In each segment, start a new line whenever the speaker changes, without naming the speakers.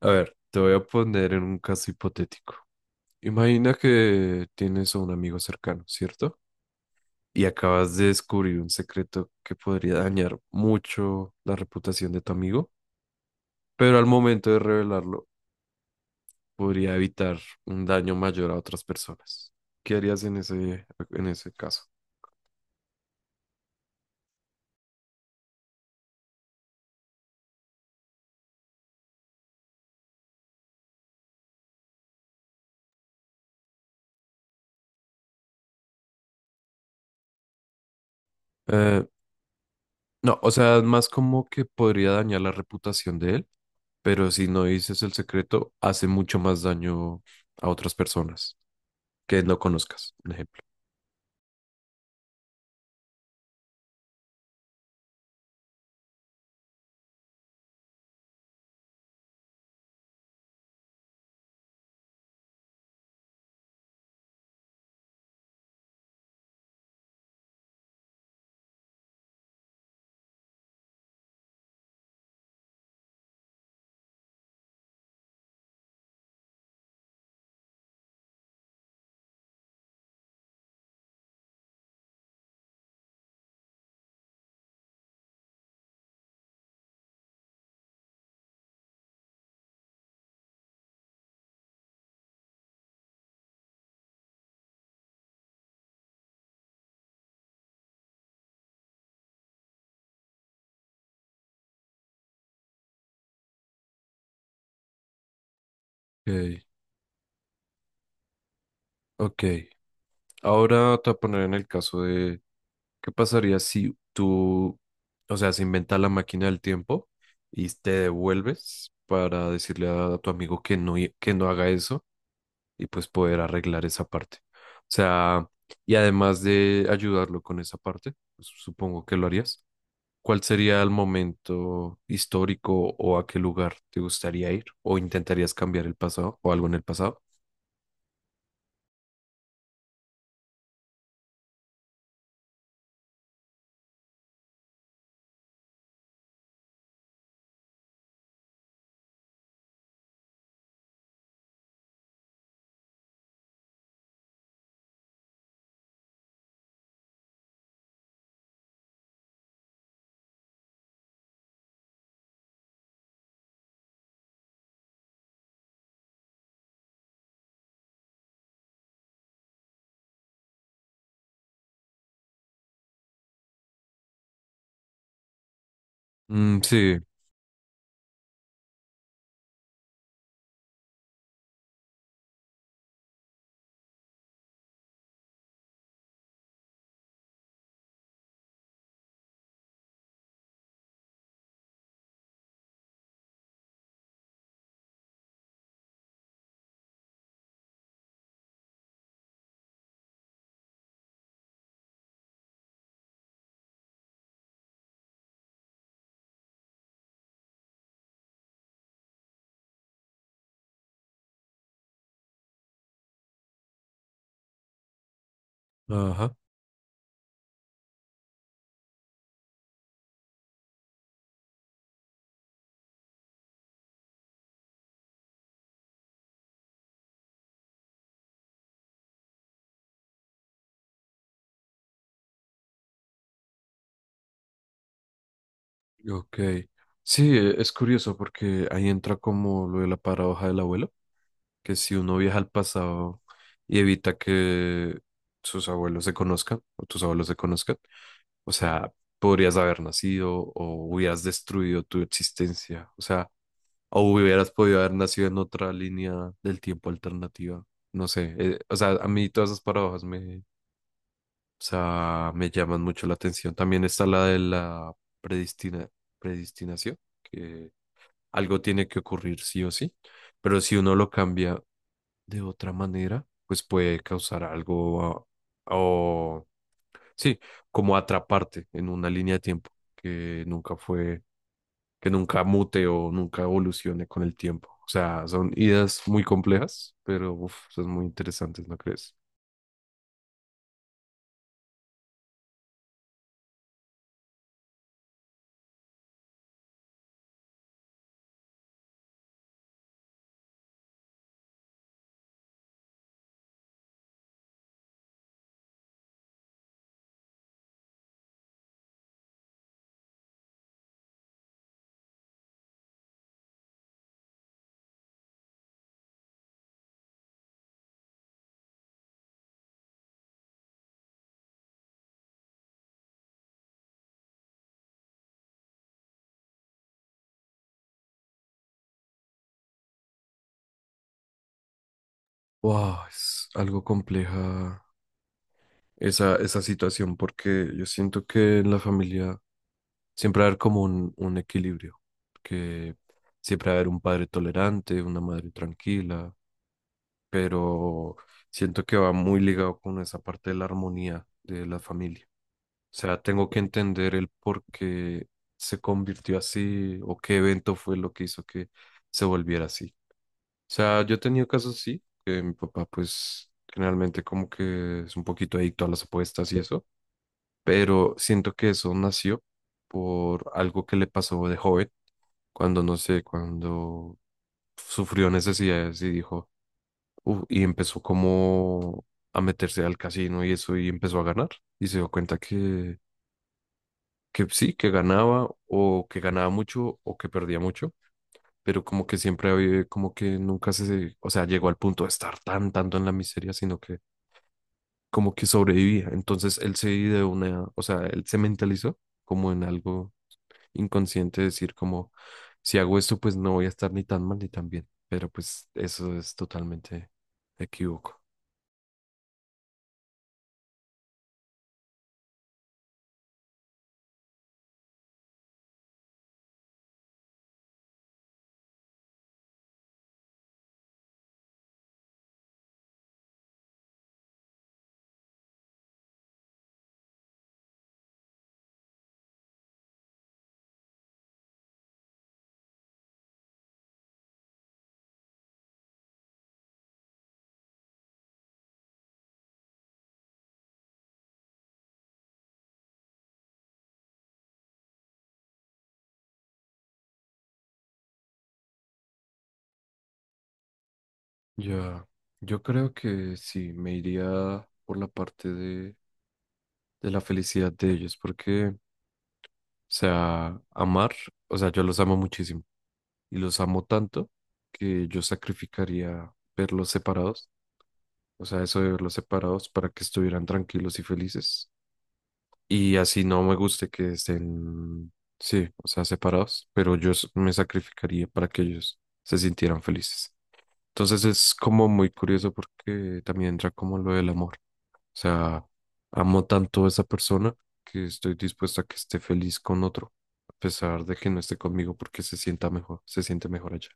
A ver, te voy a poner en un caso hipotético. Imagina que tienes a un amigo cercano, ¿cierto? Y acabas de descubrir un secreto que podría dañar mucho la reputación de tu amigo, pero al momento de revelarlo podría evitar un daño mayor a otras personas. ¿Qué harías en en ese caso? Eh, no, o sea, es más como que podría dañar la reputación de él, pero si no dices el secreto, hace mucho más daño a otras personas que no conozcas. Un ejemplo. Okay, ok. Ahora te voy a poner en el caso de qué pasaría si tú, o sea, se inventa la máquina del tiempo y te devuelves para decirle a tu amigo que no, que no haga eso y pues poder arreglar esa parte. O sea, y además de ayudarlo con esa parte, pues, supongo que lo harías. ¿Cuál sería el momento histórico o a qué lugar te gustaría ir? ¿O intentarías cambiar el pasado o algo en el pasado? Mm, sí, ajá. Ok. Sí, es curioso porque ahí entra como lo de la paradoja del abuelo, que si uno viaja al pasado y evita que sus abuelos se conozcan o tus abuelos se conozcan, o sea, podrías haber nacido o hubieras destruido tu existencia, o sea, o hubieras podido haber nacido en otra línea del tiempo alternativa. No sé, o sea, a mí todas esas paradojas me, o sea, me llaman mucho la atención. También está la de la predestina, predestinación, que algo tiene que ocurrir sí o sí, pero si uno lo cambia de otra manera, pues puede causar algo ah, o sí, como atraparte en una línea de tiempo que nunca fue, que nunca mute o nunca evolucione con el tiempo. O sea, son ideas muy complejas, pero uf, son muy interesantes, ¿no crees? Wow, es algo compleja esa situación, porque yo siento que en la familia siempre va a haber como un equilibrio, que siempre va a haber un padre tolerante, una madre tranquila, pero siento que va muy ligado con esa parte de la armonía de la familia. O sea, tengo que entender el por qué se convirtió así o qué evento fue lo que hizo que se volviera así. O sea, yo he tenido casos así, que mi papá pues generalmente como que es un poquito adicto a las apuestas y eso, pero siento que eso nació por algo que le pasó de joven, cuando no sé, cuando sufrió necesidades y dijo, "Uf", y empezó como a meterse al casino y eso y empezó a ganar y se dio cuenta que sí, que ganaba o que ganaba mucho o que perdía mucho, pero como que siempre había, como que nunca se, o sea, llegó al punto de estar tanto en la miseria, sino que como que sobrevivía. Entonces él se ideó una, o sea, él se mentalizó como en algo inconsciente decir como, si hago esto, pues no voy a estar ni tan mal ni tan bien. Pero pues eso es totalmente equívoco. Ya, yo creo que sí, me iría por la parte de la felicidad de ellos, porque, o sea, amar, o sea, yo los amo muchísimo y los amo tanto que yo sacrificaría verlos separados, o sea, eso de verlos separados para que estuvieran tranquilos y felices. Y así no me guste que estén, sí, o sea, separados, pero yo me sacrificaría para que ellos se sintieran felices. Entonces es como muy curioso porque también entra como lo del amor. O sea, amo tanto a esa persona que estoy dispuesta a que esté feliz con otro, a pesar de que no esté conmigo porque se sienta mejor, se siente mejor allá.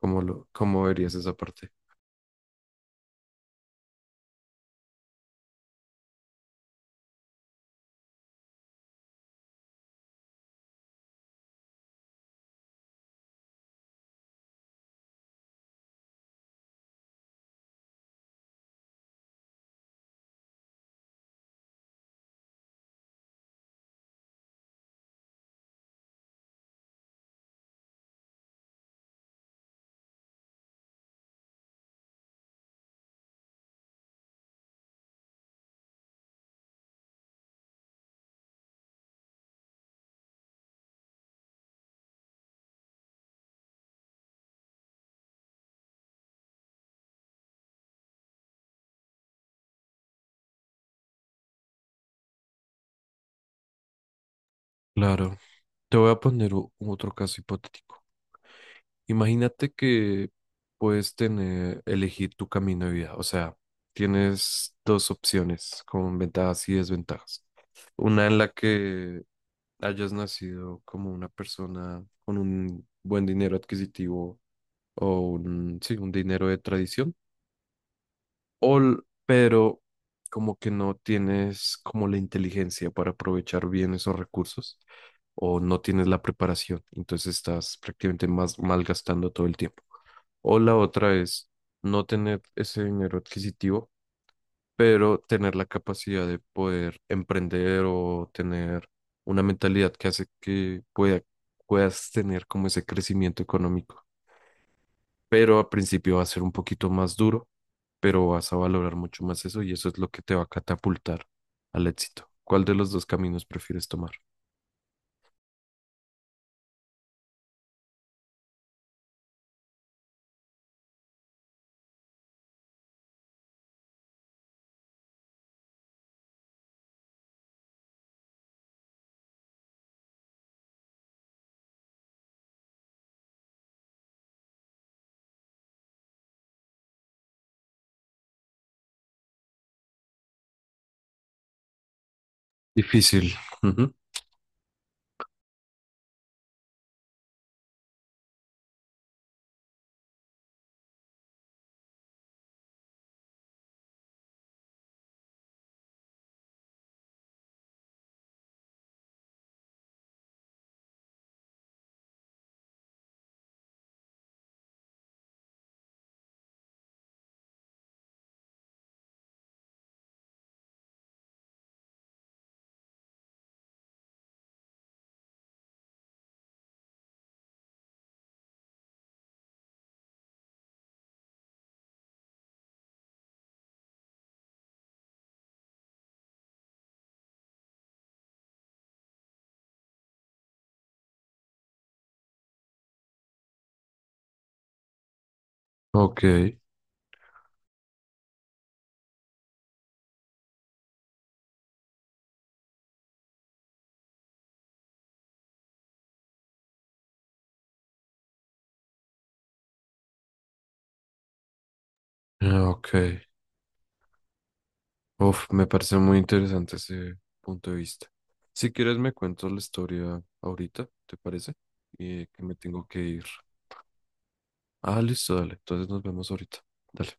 ¿Cómo cómo verías esa parte? Claro. Te voy a poner otro caso hipotético. Imagínate que puedes tener, elegir tu camino de vida. O sea, tienes dos opciones con ventajas y desventajas. Una en la que hayas nacido como una persona con un buen dinero adquisitivo o un, sí, un dinero de tradición all, pero como que no tienes como la inteligencia para aprovechar bien esos recursos o no tienes la preparación, entonces estás prácticamente más malgastando todo el tiempo. O la otra es no tener ese dinero adquisitivo, pero tener la capacidad de poder emprender o tener una mentalidad que hace que pueda, puedas tener como ese crecimiento económico, pero al principio va a ser un poquito más duro, pero vas a valorar mucho más eso y eso es lo que te va a catapultar al éxito. ¿Cuál de los dos caminos prefieres tomar? Difícil. Ujú. Ok, ok. Uf, me parece muy interesante ese punto de vista. Si quieres me cuentas la historia ahorita, ¿te parece? Y que me tengo que ir. Ah, listo, dale. Entonces nos vemos ahorita. Dale.